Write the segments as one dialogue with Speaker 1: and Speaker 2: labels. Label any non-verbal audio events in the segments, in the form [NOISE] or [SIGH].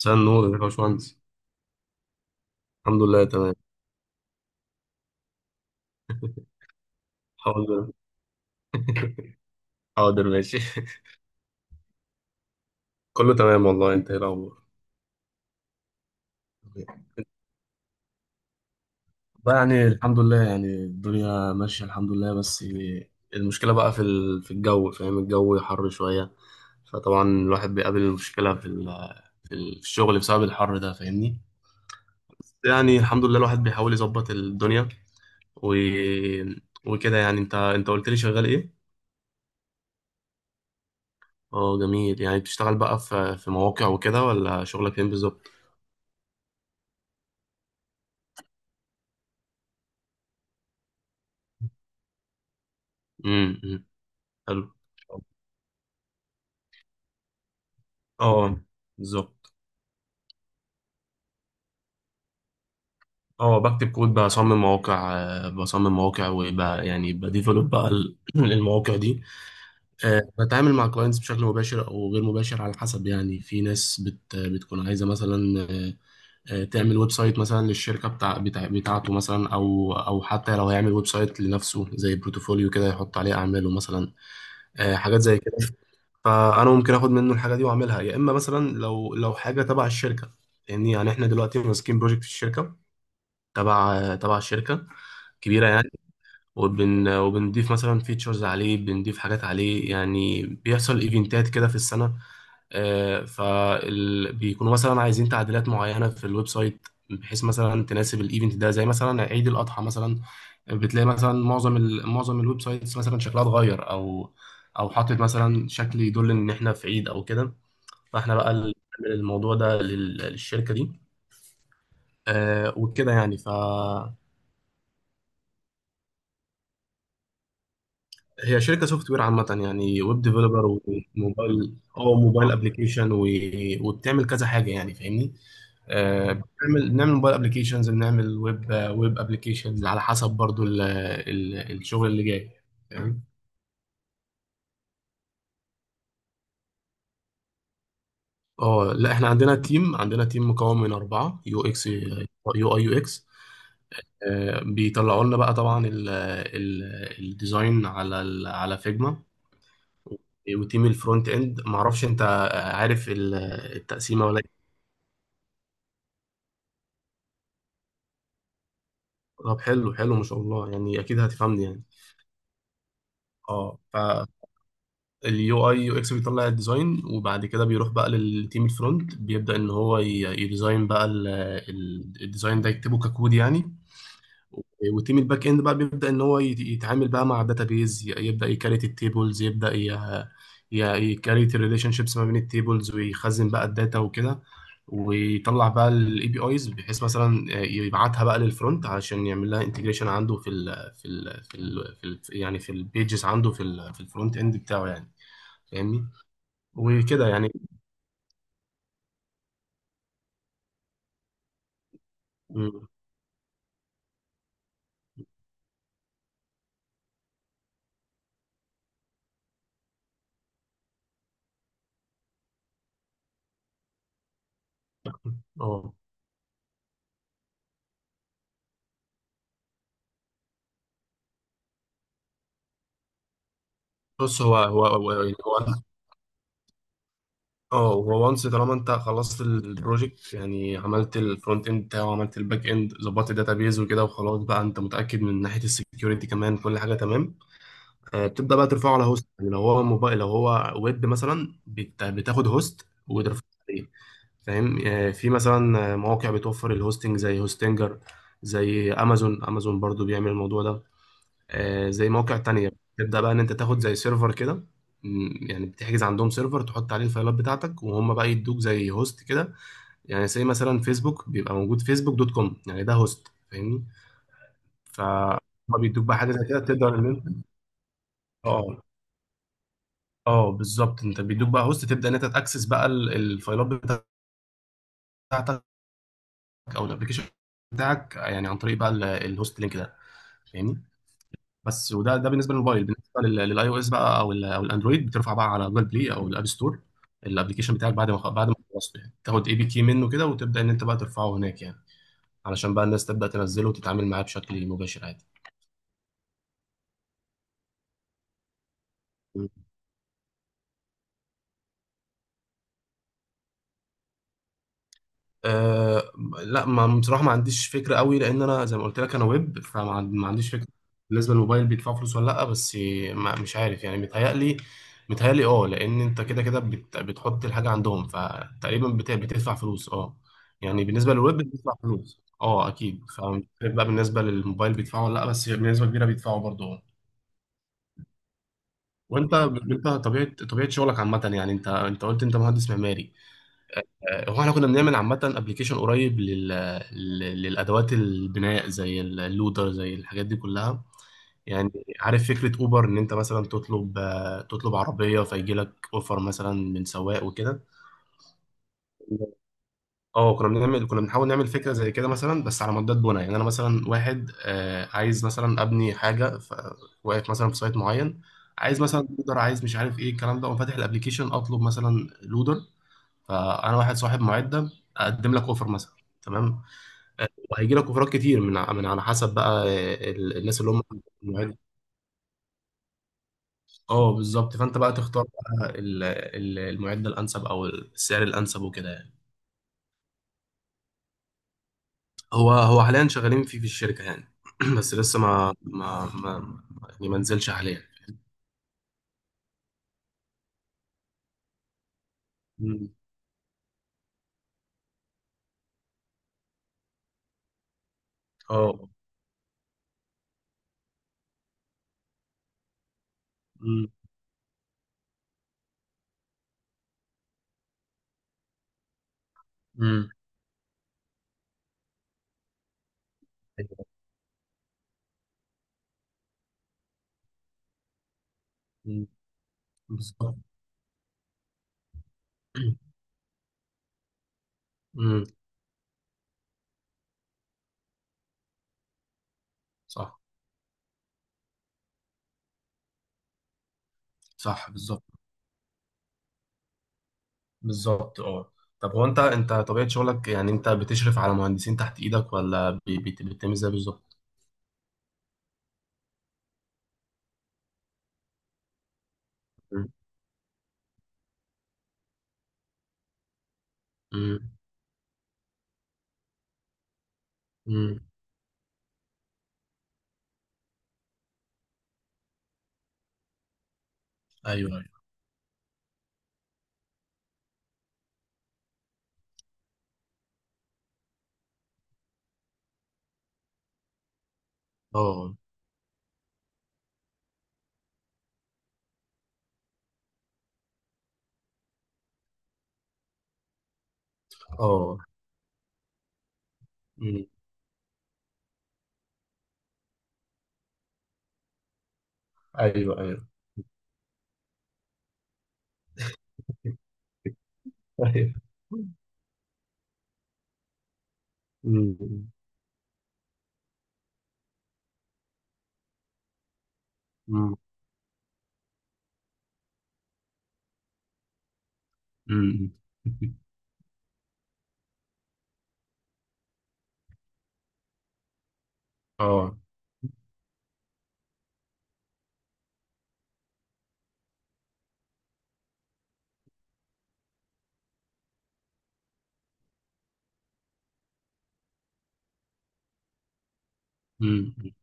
Speaker 1: مساء النور يا باشمهندس. الحمد لله، تمام. حاضر. [LAUGHS] حاضر، ماشي. [LAUGHS] كله تمام والله، انت ايه الاخبار؟ بقى يعني الحمد لله، يعني الدنيا ماشية الحمد لله. بس المشكلة بقى في الجو، فاهم؟ الجو حر شوية. فطبعا الواحد بيقابل المشكلة في الشغل بسبب الحر ده، فاهمني؟ يعني الحمد لله الواحد بيحاول يظبط الدنيا و... وكده يعني. انت قلت لي شغال ايه؟ اه جميل، يعني بتشتغل بقى في مواقع وكده، ولا شغلك فين بالظبط؟ امم. حلو. اه، بالظبط. اه، بكتب كود، بصمم مواقع، وبقى يعني بديفلوب بقى [CLEARS THROAT] المواقع دي. بتعامل مع كلاينتس بشكل مباشر او غير مباشر، على حسب. يعني في ناس بتكون عايزه مثلا تعمل ويب سايت مثلا للشركه بتاعته مثلا، او او حتى لو هيعمل ويب سايت لنفسه زي بروتوفوليو كده، يحط عليه اعماله مثلا. حاجات زي كده. فانا ممكن اخد منه الحاجه دي واعملها، يا اما مثلا لو حاجه تبع الشركه. يعني احنا دلوقتي ماسكين بروجكت في الشركه، تبع الشركه، كبيره يعني. وبن وبنضيف مثلا فيتشرز عليه، بنضيف حاجات عليه. يعني بيحصل ايفنتات كده في السنة، فبيكونوا مثلا عايزين تعديلات معينة في الويب سايت، بحيث مثلا تناسب الايفنت ده، زي مثلا عيد الأضحى مثلا. بتلاقي مثلا معظم الويب سايتس مثلا شكلها اتغير، او او حاطط مثلا شكل يدل ان احنا في عيد او كده. فاحنا بقى اللي بنعمل الموضوع ده للشركة دي. وكده يعني. هي شركة سوفت وير عامة، يعني ويب ديفلوبر وموبايل، او موبايل ابلكيشن، وبتعمل كذا حاجة يعني، فاهمني؟ بنعمل بنعمل موبايل ابلكيشنز، بنعمل ويب ويب ابلكيشنز، على حسب برضو ال ال الشغل اللي جاي. فاهم؟ اه لا، احنا عندنا تيم، مكون من 4، يو اكس، يو اي، يو اكس، بيطلعوا لنا بقى طبعا الديزاين على فيجما. وتيم الفرونت اند، معرفش انت عارف التقسيمة ولا؟ طب حلو، ما شاء الله، يعني اكيد هتفهمني يعني. اه. فاليو اي يو اكس بيطلع الديزاين، وبعد كده بيروح بقى للتيم الفرونت، بيبدأ ان هو يديزاين بقى الديزاين ده، يكتبه ككود يعني. وتيم الباك اند بقى بيبدا ان هو يتعامل بقى مع بيز، يبدا يكريت التيبلز، يبدا يكريت الريليشن شيبس ما بين التيبلز، ويخزن بقى الداتا وكده. ويطلع بقى الاي بي ايز، بحيث مثلا يبعتها بقى للفرونت علشان يعمل لها انتجريشن عنده في ال في ال في, ال في ال يعني في البيجز عنده في الفرونت اند بتاعه يعني، فاهمني؟ وكده يعني. مم. اه بص، هو, اه هو وانس، طالما انت خلصت البروجكت يعني، عملت الفرونت اند بتاعه، وعملت الباك اند، ظبطت الداتابيز وكده، وخلاص بقى انت متاكد من ناحيه السكيورتي كمان، كل حاجه تمام، بتبدا بقى ترفعه على هوست. يعني لو هو موبايل لو هو ويب مثلا، بتاخد هوست وترفعه عليه، فاهم؟ في مثلا مواقع بتوفر الهوستنج زي هوستنجر، زي امازون، امازون برضو بيعمل الموضوع ده، زي مواقع تانية. تبدأ بقى إن أنت تاخد زي سيرفر كده. يعني بتحجز عندهم سيرفر، تحط عليه الفايلات بتاعتك، وهم بقى يدوك زي هوست كده، يعني زي مثلا فيسبوك بيبقى موجود، فيسبوك دوت كوم يعني، ده هوست، فاهمني؟ فهم. بيدوك بقى حاجة زي كده تقدر إن أنت. اه اه بالظبط، انت بيدوك بقى هوست، تبدأ ان انت تاكسس بقى الفايلات بتاعتك او الابلكيشن بتاعك، يعني عن طريق بقى الهوست لينك ده، فاهمني؟ بس وده ده بالنسبه للموبايل. بالنسبه للاي او اس بقى، او الاندرويد، بترفع بقى على جوجل بلاي او الاب ستور. الابلكيشن بتاعك بعد ما خلصته يعني، تاخد اي بي كي منه كده، وتبدا ان انت بقى ترفعه هناك يعني، علشان بقى الناس تبدا تنزله وتتعامل معاه بشكل مباشر عادي. أه. لا، ما بصراحه ما عنديش فكره قوي، لان انا زي ما قلت لك انا ويب، ما عنديش فكره بالنسبه للموبايل، بيدفع فلوس ولا لا. بس ما مش عارف يعني، متهيألي، اه، لان انت كده كده بتحط الحاجه عندهم، فتقريبا بتدفع فلوس، اه. يعني بالنسبه للويب بتدفع فلوس اه اكيد، فمش عارف بقى بالنسبه للموبايل بيدفعوا ولا لا، بس بنسبه كبيره بيدفعوا برضه، اه. وانت انت طبيعه، شغلك عامه يعني، انت قلت انت مهندس معماري. هو احنا كنا بنعمل عامة ابلكيشن قريب للأدوات البناء، زي اللودر، زي الحاجات دي كلها يعني. عارف فكرة أوبر، إن أنت مثلا تطلب عربية، فيجي لك أوفر مثلا من سواق وكده. اه كنا بنعمل، كنا بنحاول نعمل فكرة زي كده مثلا، بس على مدات بناء. يعني أنا مثلا واحد عايز مثلا أبني حاجة، واقف مثلا في سايت معين، عايز مثلا لودر، عايز مش عارف إيه الكلام ده، وأقوم فاتح الأبلكيشن أطلب مثلا لودر، فأنا واحد صاحب معدة، أقدم لك أوفر مثلا، تمام. وهيجي لك اوفرات كتير من على حسب بقى الناس اللي هم المعد. اه بالظبط، فانت بقى تختار بقى المعد الانسب او السعر الانسب وكده يعني. هو حاليا شغالين فيه في الشركه يعني، [CLEARS THROAT] بس لسه ما يعني ما نزلش حاليا. مم. اه. مم. مم. أيوة. مم. بالظبط. [CLEARS THROAT] مم. صح، صح بالظبط، بالظبط اه. طب هو انت طبيعه شغلك، يعني انت بتشرف على مهندسين تحت ايدك، ولا بتعمل ازاي بالظبط؟ مم. امم. ايوه ايوه. اه. اه. امم. ايوه ايوه. ايوه. امم. امم. امم. [LAUGHS] اه. امم.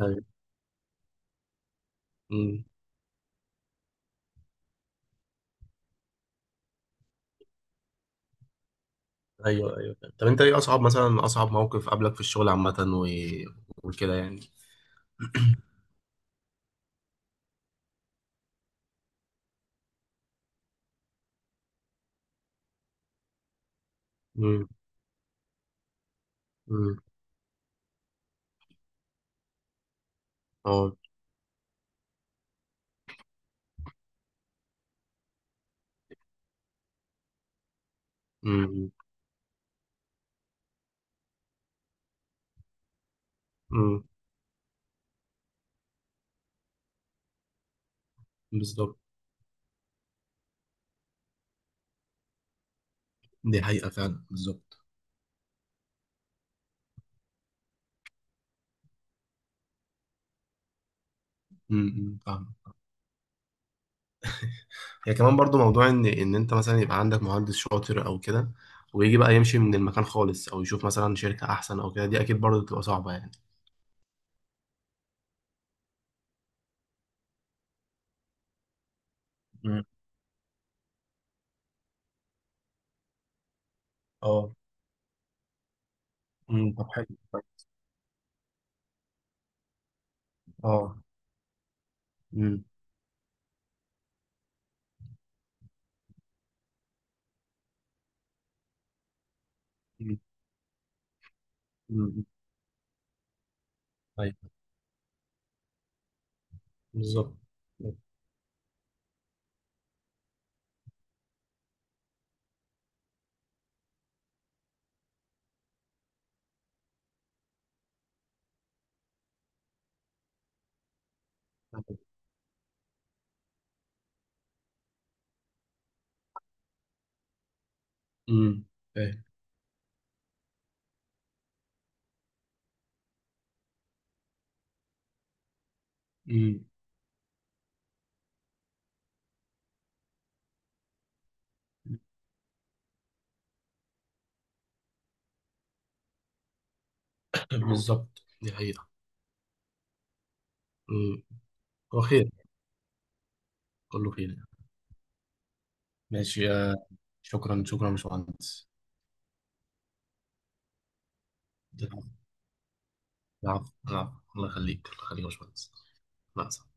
Speaker 1: ايوه. امم. ايوه ايوه. طب انت ايه اصعب مثلا، اصعب موقف قابلك في الشغل عامة وكده يعني. [CLEARS THROAT] امم. امم. اه. امم. امم. بالظبط، دي حقيقة فعلا. بالظبط. امم. فاهم. هي كمان برضو موضوع ان ان انت مثلا يبقى عندك مهندس شاطر او كده، ويجي بقى يمشي من المكان خالص، او يشوف مثلا شركة احسن او كده، دي اكيد برضو بتبقى صعبة يعني. مم. اه. امم. طب حلو. طيب. اه. امم. امم. أمم. طيب. بالظبط. امم. فاهم. امم. بالظبط. [CLEARS THROAT] دي حقيقة. امم. هو خير. كله خير يعني. ماشي. شكرا، شكرا يا باشمهندس. العفو، العفو، الله يخليك، الله يخليك يا باشمهندس. مع السلامة.